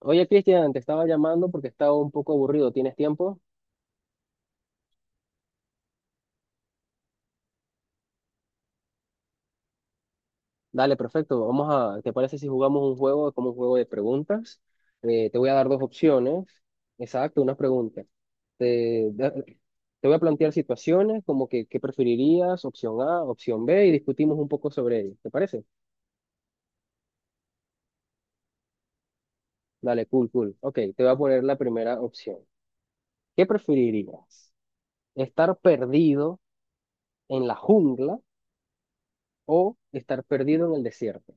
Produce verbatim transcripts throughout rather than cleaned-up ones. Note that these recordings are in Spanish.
Oye, Cristian, te estaba llamando porque estaba un poco aburrido. ¿Tienes tiempo? Dale, perfecto. Vamos a, ¿te parece si jugamos un juego como un juego de preguntas? Eh, te voy a dar dos opciones. Exacto, una pregunta. Te, da- te voy a plantear situaciones como que qué preferirías, opción A, opción B, y discutimos un poco sobre ello. ¿Te parece? Dale, cool, cool. Ok, te voy a poner la primera opción. ¿Qué preferirías? ¿Estar perdido en la jungla o estar perdido en el desierto?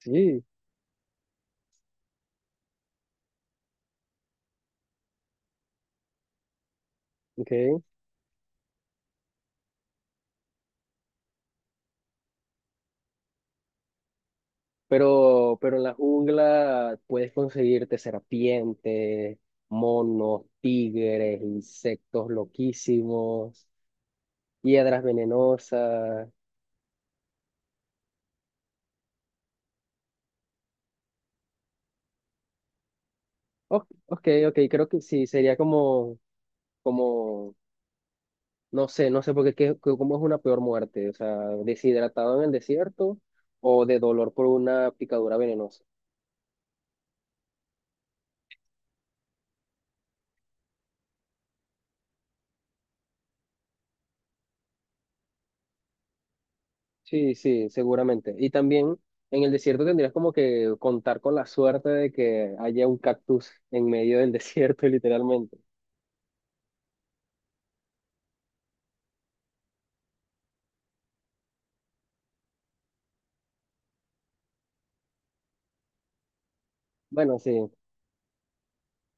Sí, ok. Pero, pero en la jungla puedes conseguirte serpientes, monos, tigres, insectos loquísimos, hiedras venenosas. O- ok, ok, creo que sí, sería como, como, no sé, no sé, porque qué, qué- qué- cómo es una peor muerte, o sea, deshidratado en el desierto o de dolor por una picadura venenosa. Sí, sí, seguramente. Y también en el desierto tendrías como que contar con la suerte de que haya un cactus en medio del desierto, literalmente. Bueno, sí.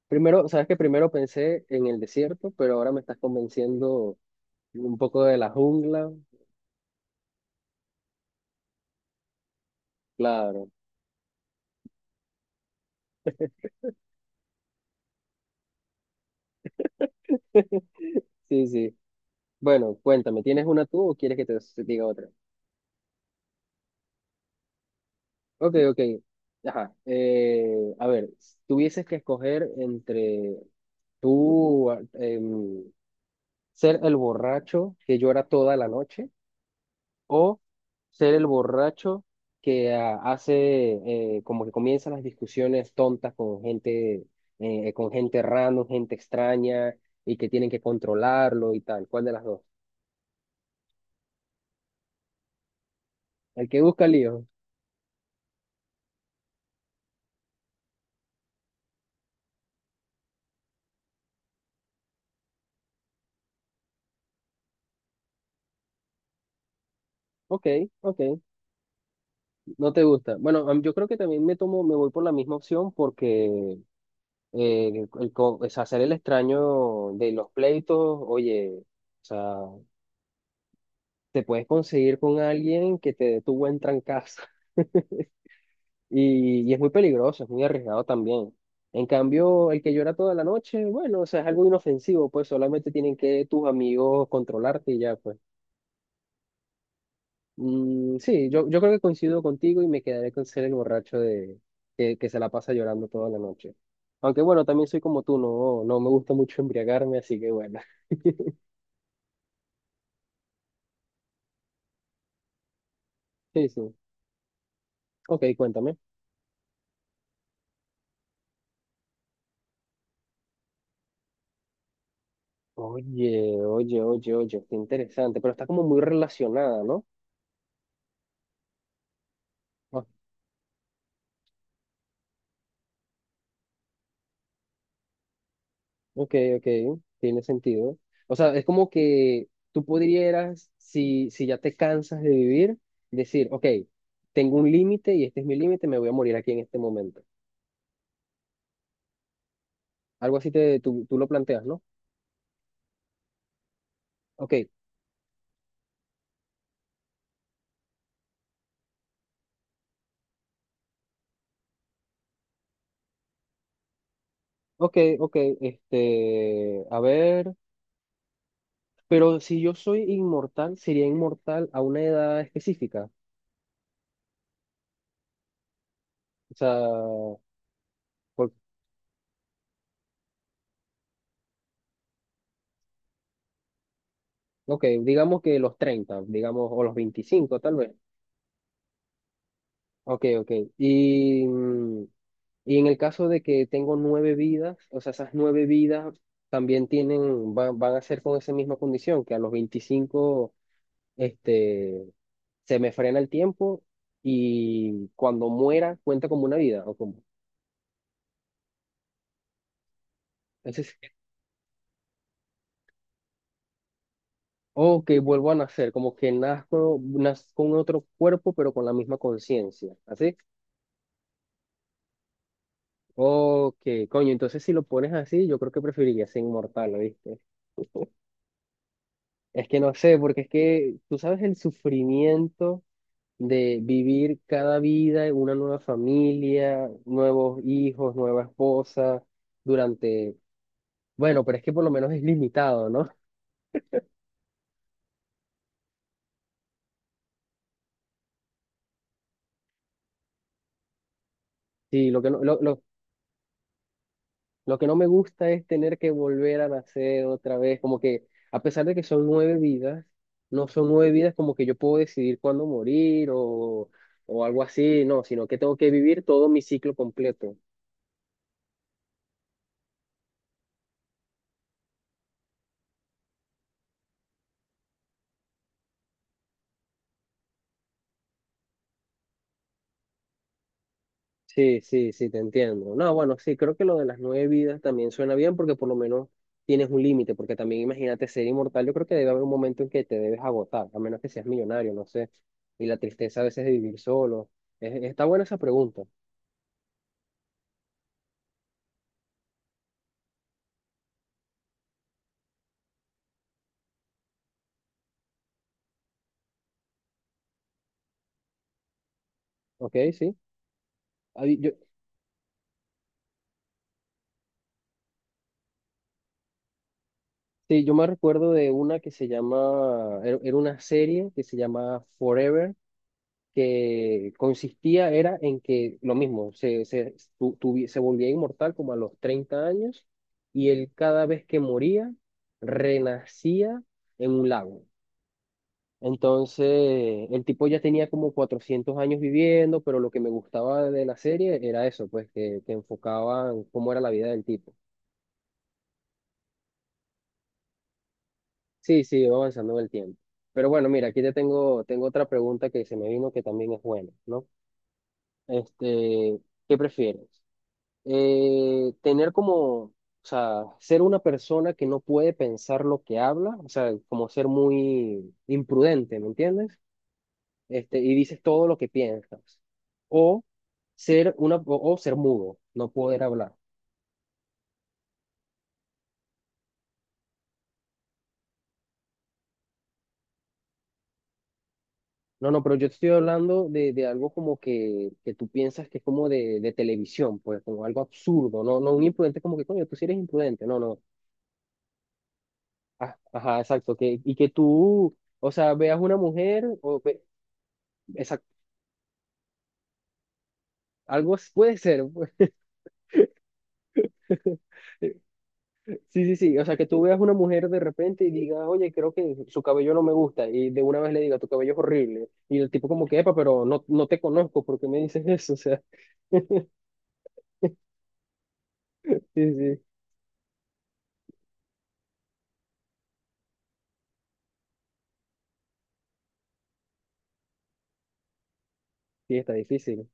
Primero, sabes que primero pensé en el desierto, pero ahora me estás convenciendo un poco de la jungla. Claro. Sí, sí. Bueno, cuéntame, ¿tienes una tú o quieres que te te diga otra? Ok, ok. Ajá. Eh, a ver, si tuvieses que escoger entre tú, ah, em, ser el borracho que llora toda la noche o ser el borracho que ah, hace eh, como que comienzan las discusiones tontas con gente eh, con gente random, gente extraña y que tienen que controlarlo y tal. ¿Cuál de las dos? El que busca lío. Ok, ok, no te gusta. Bueno, am- yo creo que también me tomo, me voy por la misma opción porque eh, el, co- o sea, ser el extraño de los pleitos, oye, o sea, te puedes conseguir con alguien que te dé tu buen trancazo. Y, y es muy peligroso, es muy arriesgado también. En cambio, el que llora toda la noche, bueno, o sea, es algo inofensivo, pues solamente tienen que tus amigos controlarte y ya, pues. Mm, sí, yo, yo creo que coincido contigo y me quedaré con ser el borracho de, que, que se la pasa llorando toda la noche. Aunque bueno, también soy como tú, no, no me gusta mucho embriagarme, así que bueno. Sí, sí. Ok, cuéntame. Oye, oye, oye, oye, qué interesante, pero está como muy relacionada, ¿no? Ah, ok, ok, tiene sentido. O sea, es como que tú podrías, si, si ya te cansas de vivir, decir, ok, tengo un límite y este es mi límite, me voy a morir aquí en este momento. Algo así te, tú, tú lo planteas, ¿no? Ok, ok, ok, este, a ver, pero si yo soy inmortal, sería inmortal a una edad específica. O sea, por- ok, digamos que los treinta digamos, o los veinticinco tal vez. Ok, ok. Y... mm, Y en el caso de que tengo nueve vidas, o sea, esas nueve vidas también tienen, van, van a ser con esa misma condición, que a los veinticinco este, se me frena el tiempo y cuando muera cuenta como una vida, o como, entonces, o que vuelvo a nacer, como que nazco, nazco con otro cuerpo, pero con la misma conciencia, ¿así? O que, coño, entonces si lo pones así, yo creo que preferiría ser inmortal, ¿viste? Es que no sé, porque es que tú sabes el sufrimiento de vivir cada vida en una nueva familia, nuevos hijos, nueva esposa, durante, bueno, pero es que por lo menos es limitado, ¿no? Sí, lo que no, lo, lo, lo que no me gusta es tener que volver a nacer otra vez, como que a pesar de que son nueve vidas, no son nueve vidas como que yo puedo decidir cuándo morir o, o algo así, no, sino que tengo que vivir todo mi ciclo completo. Sí, sí, sí, te entiendo. No, bueno, sí, creo que lo de las nueve vidas también suena bien porque por lo menos tienes un límite, porque también imagínate ser inmortal, yo creo que debe haber un momento en que te debes agotar, a menos que seas millonario, no sé, y la tristeza a veces de vivir solo. Es- está buena esa pregunta, ¿ok? Sí. Hay- yo, sí, yo me recuerdo de una que se llama, era era una serie que se llama Forever que consistía era en que lo mismo, se, se, tu- tuvi- se volvía inmortal como a los treinta años y él cada vez que moría renacía en un lago. Entonces, el tipo ya tenía como cuatrocientos años viviendo, pero lo que me gustaba de la serie era eso, pues que, que enfocaban cómo era la vida del tipo. Sí, sí, va avanzando en el tiempo. Pero bueno, mira, aquí te tengo, tengo otra pregunta que se me vino que también es buena, ¿no? Este, ¿qué prefieres? eh, tener como, o sea, ser una persona que no puede pensar lo que habla, o sea, como ser muy imprudente, ¿me entiendes? Este, y dices todo lo que piensas. O ser una, o, o ser mudo, no poder hablar. No, no, pero yo te estoy hablando de, de algo como que, que tú piensas que es como de, de televisión, pues como algo absurdo, no, no un imprudente como que, coño, tú sí eres imprudente, no, no. Ah, ajá, exacto, que, y que tú, o sea, veas una mujer, o, ve- Algo s- puede ser, pues. Sí, sí, sí. O sea, que tú veas una mujer de repente y digas, oye, creo que su cabello no me gusta. Y de una vez le diga, tu cabello es horrible. Y el tipo como que, epa, pero no, no te conozco, ¿por qué me dices eso? O sea, sí, sí. Sí, está difícil.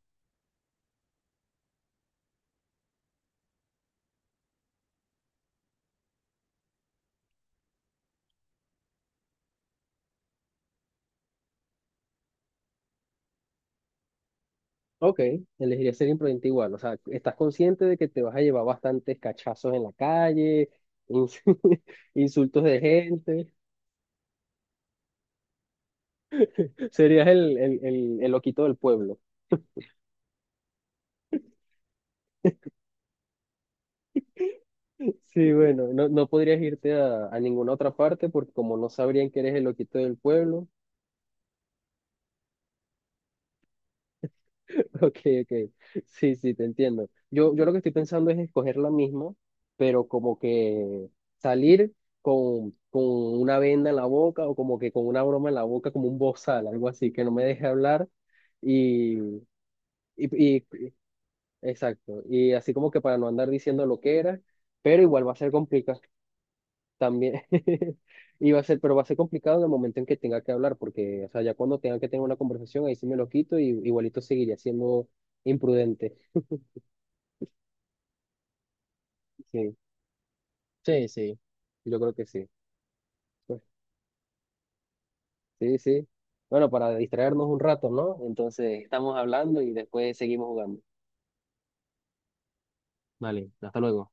Ok, elegiría ser imprudente igual. O sea, estás consciente de que te vas a llevar bastantes cachazos en la calle, ins- insultos de gente. Serías el, el, el, el loquito del pueblo. Sí, bueno, no, no podrías irte a, a ninguna otra parte porque como no sabrían que eres el loquito del pueblo, ok, ok, sí, sí, te entiendo. Yo, yo lo que estoy pensando es escoger la misma, pero como que salir con, con una venda en la boca o como que con una broma en la boca, como un bozal, algo así, que no me deje hablar y, y, y- exacto, y así como que para no andar diciendo lo que era, pero igual va a ser complicado. También y va a ser, pero va a ser complicado en el momento en que tenga que hablar, porque, o sea, ya cuando tenga que tener una conversación, ahí sí me lo quito y igualito seguiría siendo imprudente. Sí, sí, sí, yo creo que sí. Pues, sí, sí. Bueno, para distraernos un rato, ¿no? Entonces, estamos hablando y después seguimos jugando. Vale, hasta luego.